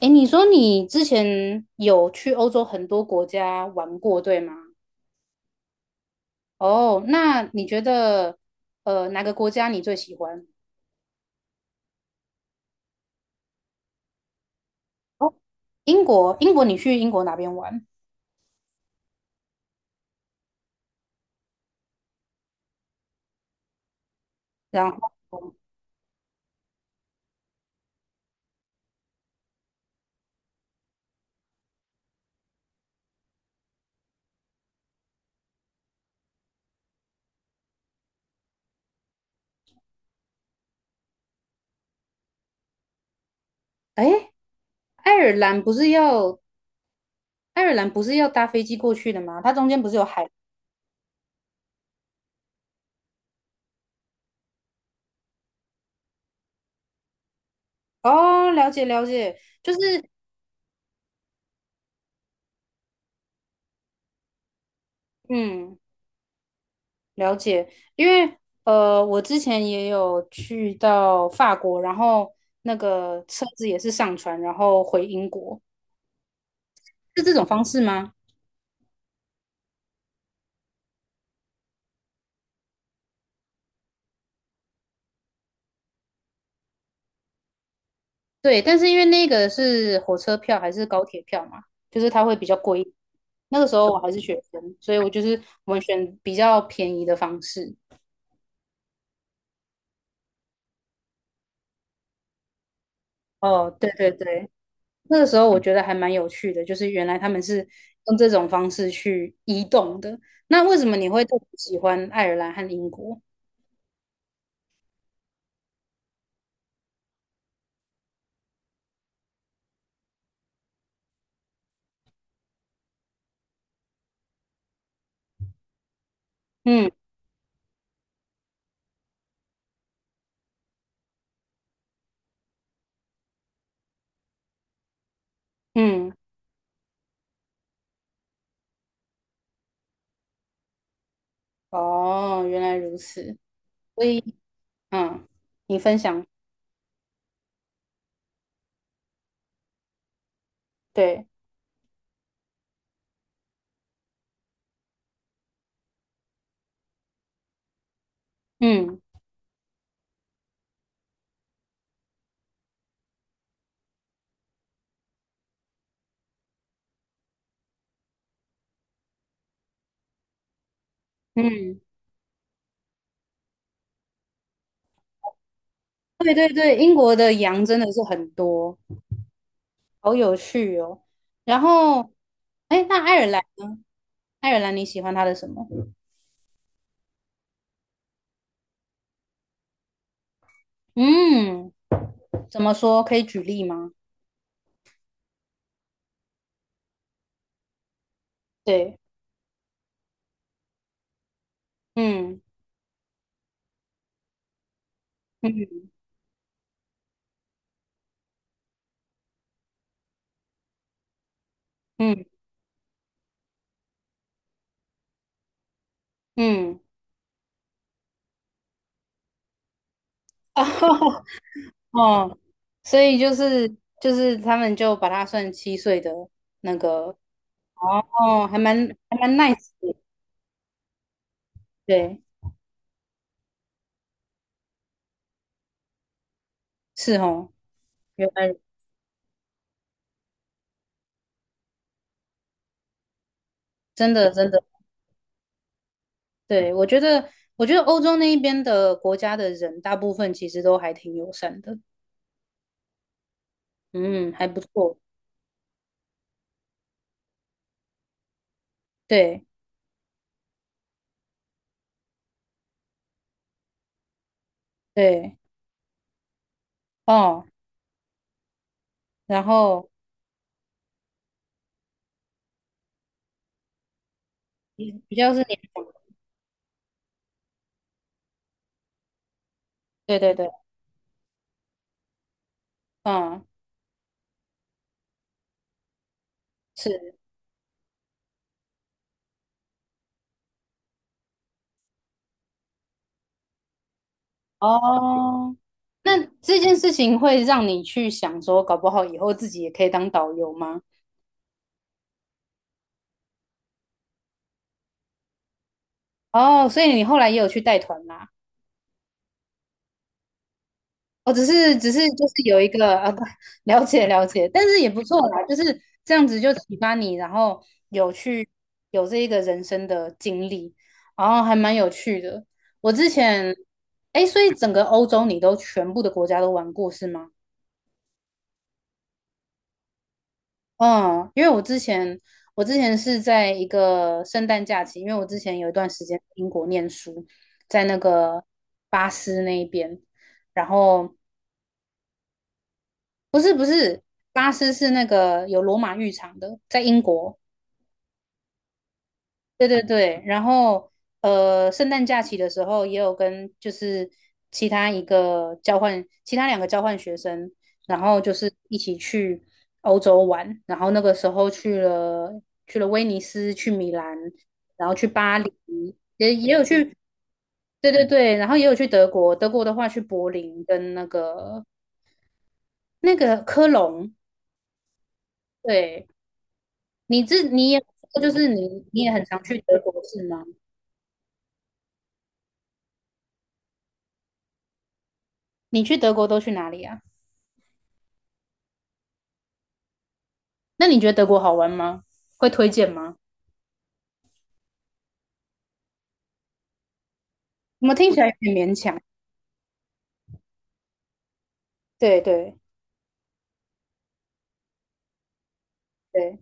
诶，你说你之前有去欧洲很多国家玩过，对吗？哦，那你觉得哪个国家你最喜欢？哦，英国，你去英国哪边玩？然后，诶，爱尔兰不是要爱尔兰不是要搭飞机过去的吗？它中间不是有海？哦，了解了解，就是嗯，了解，因为我之前也有去到法国，然后那个车子也是上船，然后回英国，是这种方式吗？对，但是因为那个是火车票还是高铁票嘛，就是它会比较贵一点。那个时候我还是学生，所以我就是我们选比较便宜的方式。哦，对对对，那个时候我觉得还蛮有趣的，就是原来他们是用这种方式去移动的。那为什么你会特别喜欢爱尔兰和英国？嗯。嗯，哦，原来如此。所以，嗯，你分享。对，嗯嗯，对对对，英国的羊真的是很多，好有趣哦。然后，哎，那爱尔兰呢？爱尔兰你喜欢它的什么？嗯，怎么说？可以举例吗？对，嗯嗯嗯嗯，哦哦，所以就是他们就把它算7岁的那个，哦，还蛮 nice 的，对。是哦，原来真的真的，对，我觉得,欧洲那一边的国家的人，大部分其实都还挺友善的，嗯，还不错，对对，哦，然后比较是年长的，对对对，嗯，是哦，那这件事情会让你去想说，搞不好以后自己也可以当导游吗？哦，所以你后来也有去带团啦。我只是就是有一个啊，不了解了解，但是也不错啦，就是这样子就启发你，然后有去有这一个人生的经历，然后还蛮有趣的。我之前，哎，所以整个欧洲你都全部的国家都玩过是吗？嗯，因为我之前是在一个圣诞假期，因为我之前有一段时间在英国念书，在那个巴斯那一边，然后不是不是，巴斯是那个有罗马浴场的，在英国。对对对，然后圣诞假期的时候也有跟就是其他两个交换学生，然后就是一起去欧洲玩，然后那个时候去了威尼斯，去米兰，然后去巴黎，也有去，对对对，然后也有去德国，德国的话去柏林跟那个科隆，对。你也就是你也很常去德国是吗？你去德国都去哪里啊？那你觉得德国好玩吗？会推荐吗？怎么听起来有点勉强？对对对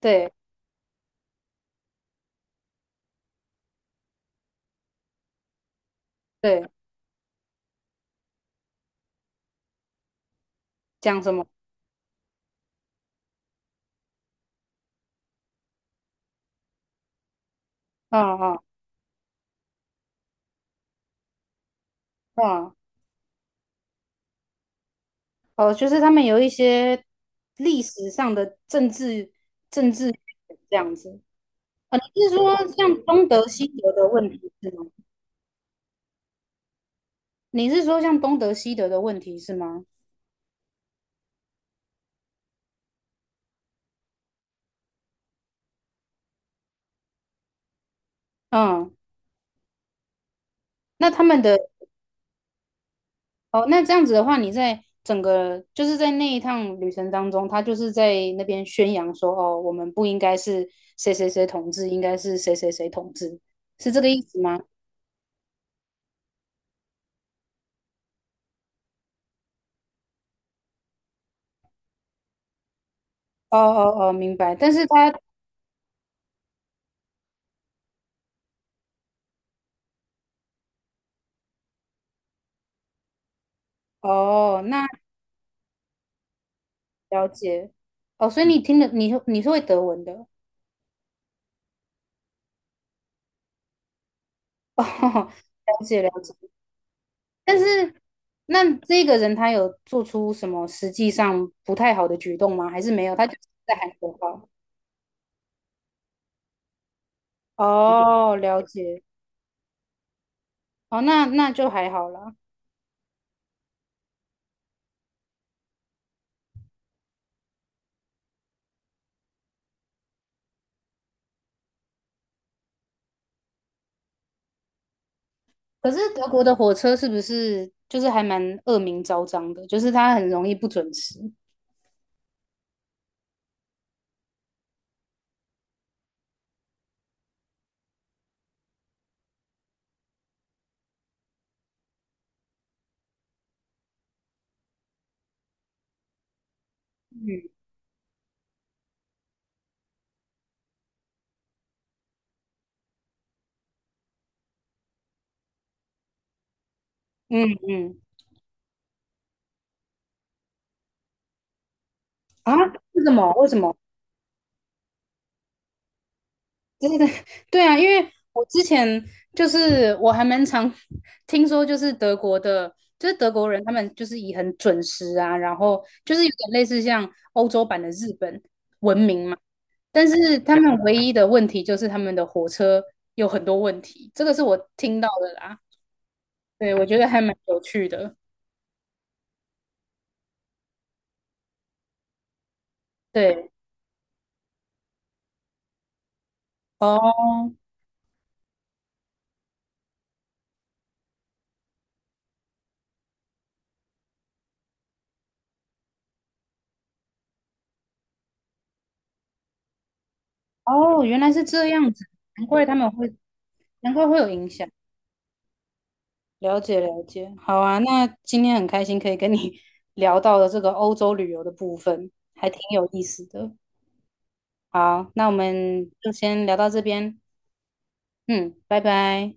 对对，讲什么？啊啊啊！哦，就是他们有一些历史上的政治这样子。啊，你是说像东德西德的问题是吗？嗯，那他们的，哦，那这样子的话，你在整个就是在那一趟旅程当中，他就是在那边宣扬说，哦，我们不应该是谁谁谁统治，应该是谁谁谁统治，是这个意思吗？哦哦哦，明白。但是他，哦，那了解。哦，所以你听的，你是会德文的。哦，了解了解。但是，那这个人他有做出什么实际上不太好的举动吗？还是没有？他就是在喊口号。哦，了解。哦，那就还好啦。可是德国的火车是不是就是还蛮恶名昭彰的？就是它很容易不准时。嗯嗯嗯，啊，为什么？为什么？对对对，对啊，因为我之前就是我还蛮常 听说，就是德国的，就是德国人他们就是以很准时啊，然后就是有点类似像欧洲版的日本，但是他们唯一的问题就是他们的火车有很多问题，这个是我听到的啦。对，我觉得还蛮有趣的。对，哦哦，原来是这样子，难怪他们会，难怪会有影响。了解了解，好啊，那今天很开心可以跟你 聊到了这个欧洲旅游的部分，还挺有意思的。好，那我们就先聊到这边，嗯，拜拜。